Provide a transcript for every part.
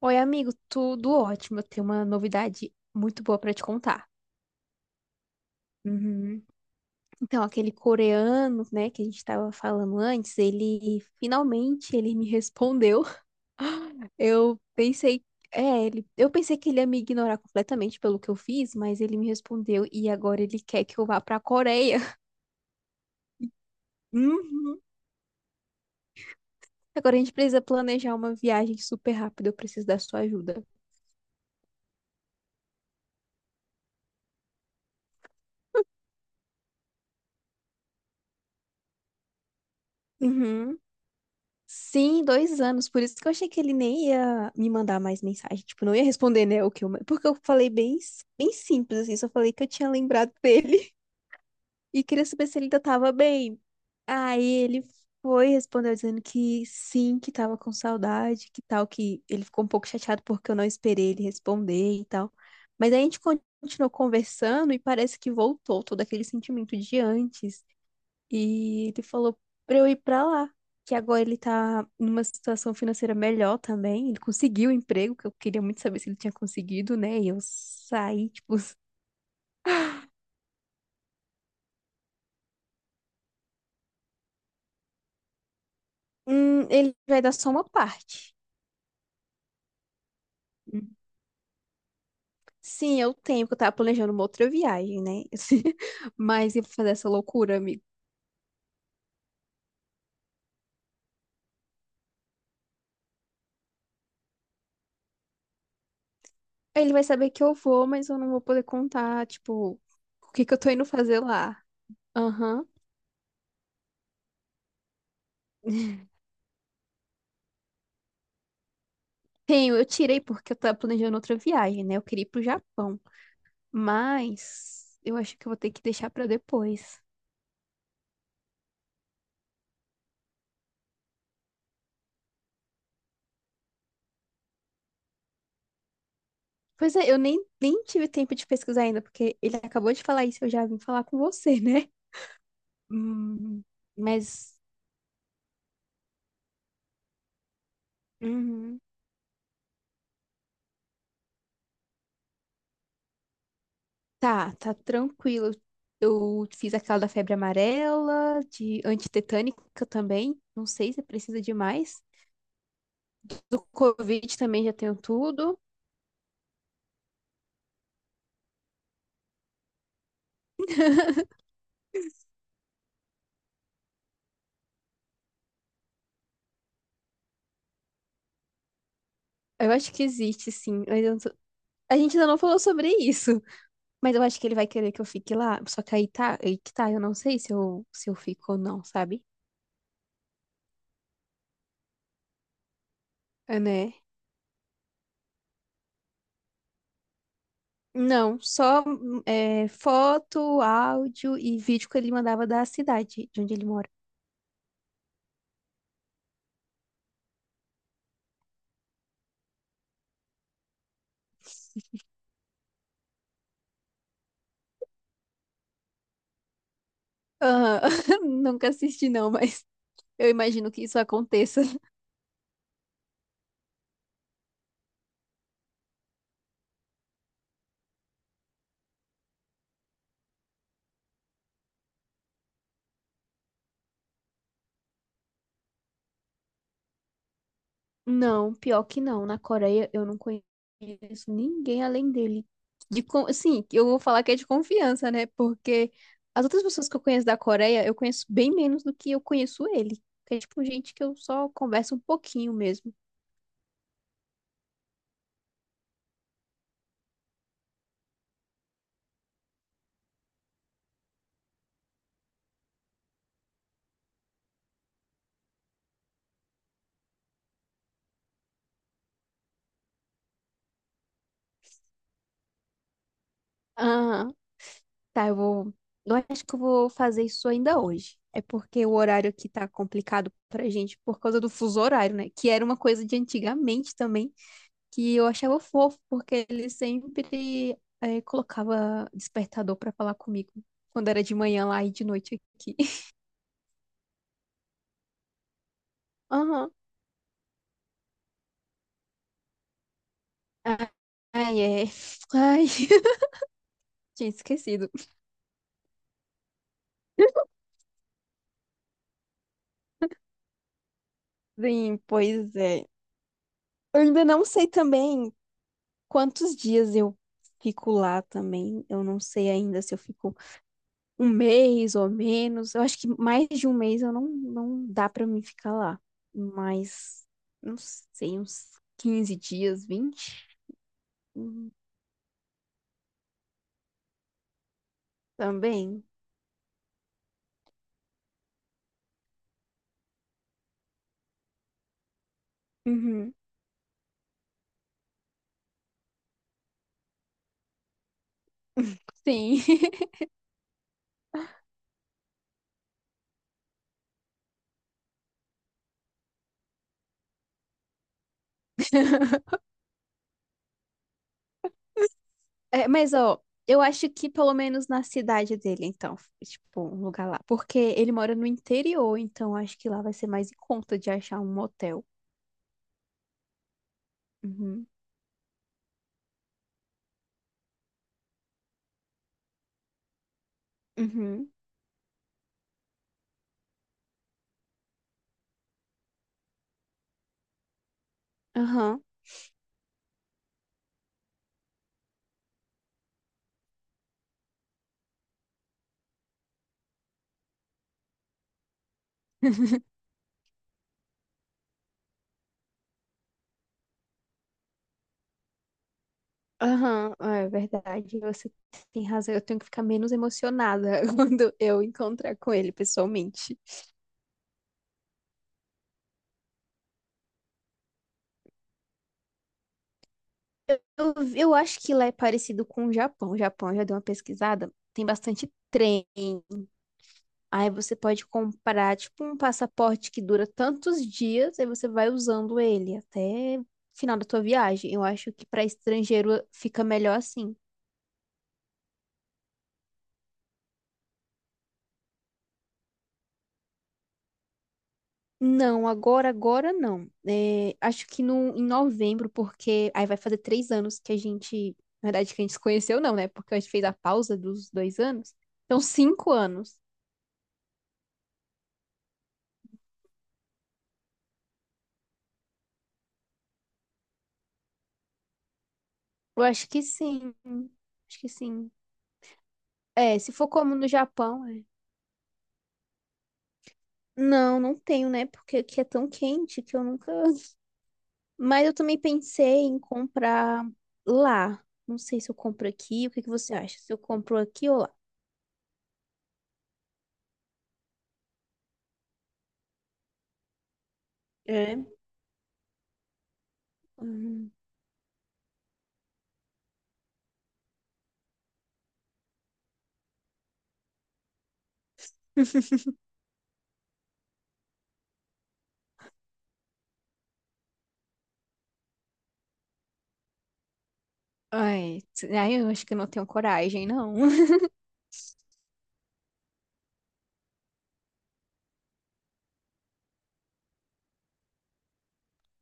Oi, amigo, tudo ótimo. Eu tenho uma novidade muito boa pra te contar. Uhum. Então, aquele coreano, né, que a gente tava falando antes, ele finalmente ele me respondeu. Eu pensei, eu pensei que ele ia me ignorar completamente pelo que eu fiz, mas ele me respondeu e agora ele quer que eu vá pra Coreia. Uhum. Agora a gente precisa planejar uma viagem super rápida. Eu preciso da sua ajuda. Uhum. Sim, 2 anos. Por isso que eu achei que ele nem ia me mandar mais mensagem. Tipo, não ia responder, né? O que eu... Porque eu falei bem, bem simples, assim. Só falei que eu tinha lembrado dele e queria saber se ele ainda tava bem. Aí ele foi, respondeu dizendo que sim, que tava com saudade, que tal, que ele ficou um pouco chateado porque eu não esperei ele responder e tal. Mas aí a gente continuou conversando e parece que voltou todo aquele sentimento de antes. E ele falou pra eu ir pra lá, que agora ele tá numa situação financeira melhor também. Ele conseguiu o emprego, que eu queria muito saber se ele tinha conseguido, né? E eu saí, tipo, ele vai dar só uma parte. Hum. Sim, eu tenho, porque eu tava planejando uma outra viagem, né? Mas ia fazer essa loucura, amigo. Aí ele vai saber que eu vou, mas eu não vou poder contar, tipo, o que que eu tô indo fazer lá. Aham. Tenho, eu tirei porque eu tava planejando outra viagem, né? Eu queria ir pro Japão. Mas eu acho que eu vou ter que deixar pra depois. Pois é, eu nem tive tempo de pesquisar ainda, porque ele acabou de falar isso, eu já vim falar com você, né? Hum, mas uhum. Tá, tá tranquilo. Eu fiz aquela da febre amarela, de antitetânica também. Não sei se precisa de mais. Do Covid também já tenho tudo. Eu acho que existe, sim. mas eu não sou- A gente ainda não falou sobre isso. Mas eu acho que ele vai querer que eu fique lá. Só que aí tá, aí que tá, eu não sei se eu fico ou não, sabe? É, né? Não, só é, foto, áudio e vídeo que ele mandava da cidade de onde ele mora. Aham. Nunca assisti, não, mas eu imagino que isso aconteça. Não, pior que não. Na Coreia eu não conheço ninguém além dele. De, assim, eu vou falar que é de confiança, né? Porque as outras pessoas que eu conheço da Coreia, eu conheço bem menos do que eu conheço ele. Que é tipo gente que eu só converso um pouquinho mesmo. Ah, tá, eu vou. Eu acho que eu vou fazer isso ainda hoje. É porque o horário aqui tá complicado pra gente por causa do fuso horário, né? Que era uma coisa de antigamente também. Que eu achava fofo, porque ele sempre colocava despertador pra falar comigo. Quando era de manhã lá e de noite aqui. Aham. Ai, ai, é. Ai, tinha esquecido. Sim, pois é. Eu ainda não sei também quantos dias eu fico lá também. Eu não sei ainda se eu fico um mês ou menos. Eu acho que mais de um mês eu não dá pra mim ficar lá. Mas, não sei, uns 15 dias, 20. Também. Uhum. Sim. É, mas, ó, eu acho que pelo menos na cidade dele, então, tipo, um lugar lá. Porque ele mora no interior, então acho que lá vai ser mais em conta de achar um motel. Uhum. Uhum. Aham. Aham, é verdade, você tem razão. Eu tenho que ficar menos emocionada quando eu encontrar com ele pessoalmente. Eu acho que lá é parecido com o Japão. O Japão, eu já dei uma pesquisada, tem bastante trem. Aí você pode comprar, tipo, um passaporte que dura tantos dias, aí você vai usando ele até o final da tua viagem. Eu acho que para estrangeiro fica melhor assim. Não, agora, agora não. É, acho que no, em novembro, porque aí vai fazer 3 anos que a gente, na verdade, que a gente se conheceu, não, né? Porque a gente fez a pausa dos 2 anos. Então, 5 anos. Eu acho que sim. Acho que sim. É, se for como no Japão, é. Não, não tenho, né? Porque aqui é tão quente que eu nunca... Mas eu também pensei em comprar lá. Não sei se eu compro aqui. O que que você acha? Se eu compro aqui ou lá? É. Hum. Ai, ai, eu acho que eu não tenho coragem, não.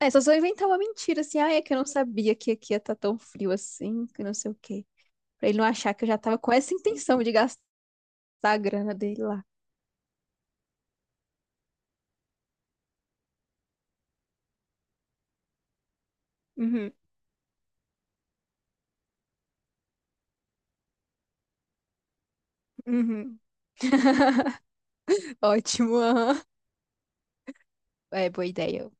É, só se eu inventar uma mentira, assim, ai, é que eu não sabia que aqui ia estar tão frio assim, que não sei o quê. Pra ele não achar que eu já tava com essa intenção de gastar a grana dele lá. Uhum, uhum. Ótimo, aham. É, boa ideia.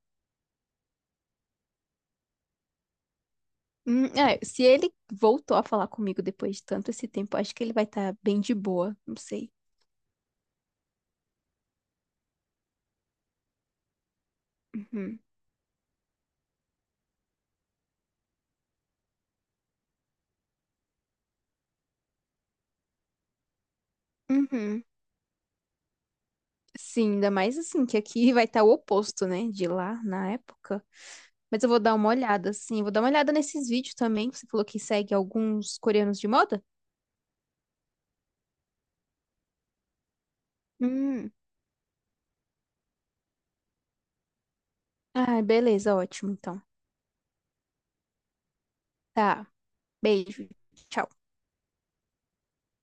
É, se ele voltou a falar comigo depois de tanto esse tempo, acho que ele vai estar bem de boa, não sei. Uhum. Uhum. Sim, ainda mais assim, que aqui vai estar o oposto, né, de lá na época. Mas eu vou dar uma olhada, sim. Vou dar uma olhada nesses vídeos também. Você falou que segue alguns coreanos de moda? Hum. Ah, beleza, ótimo, então. Tá, beijo. Tchau.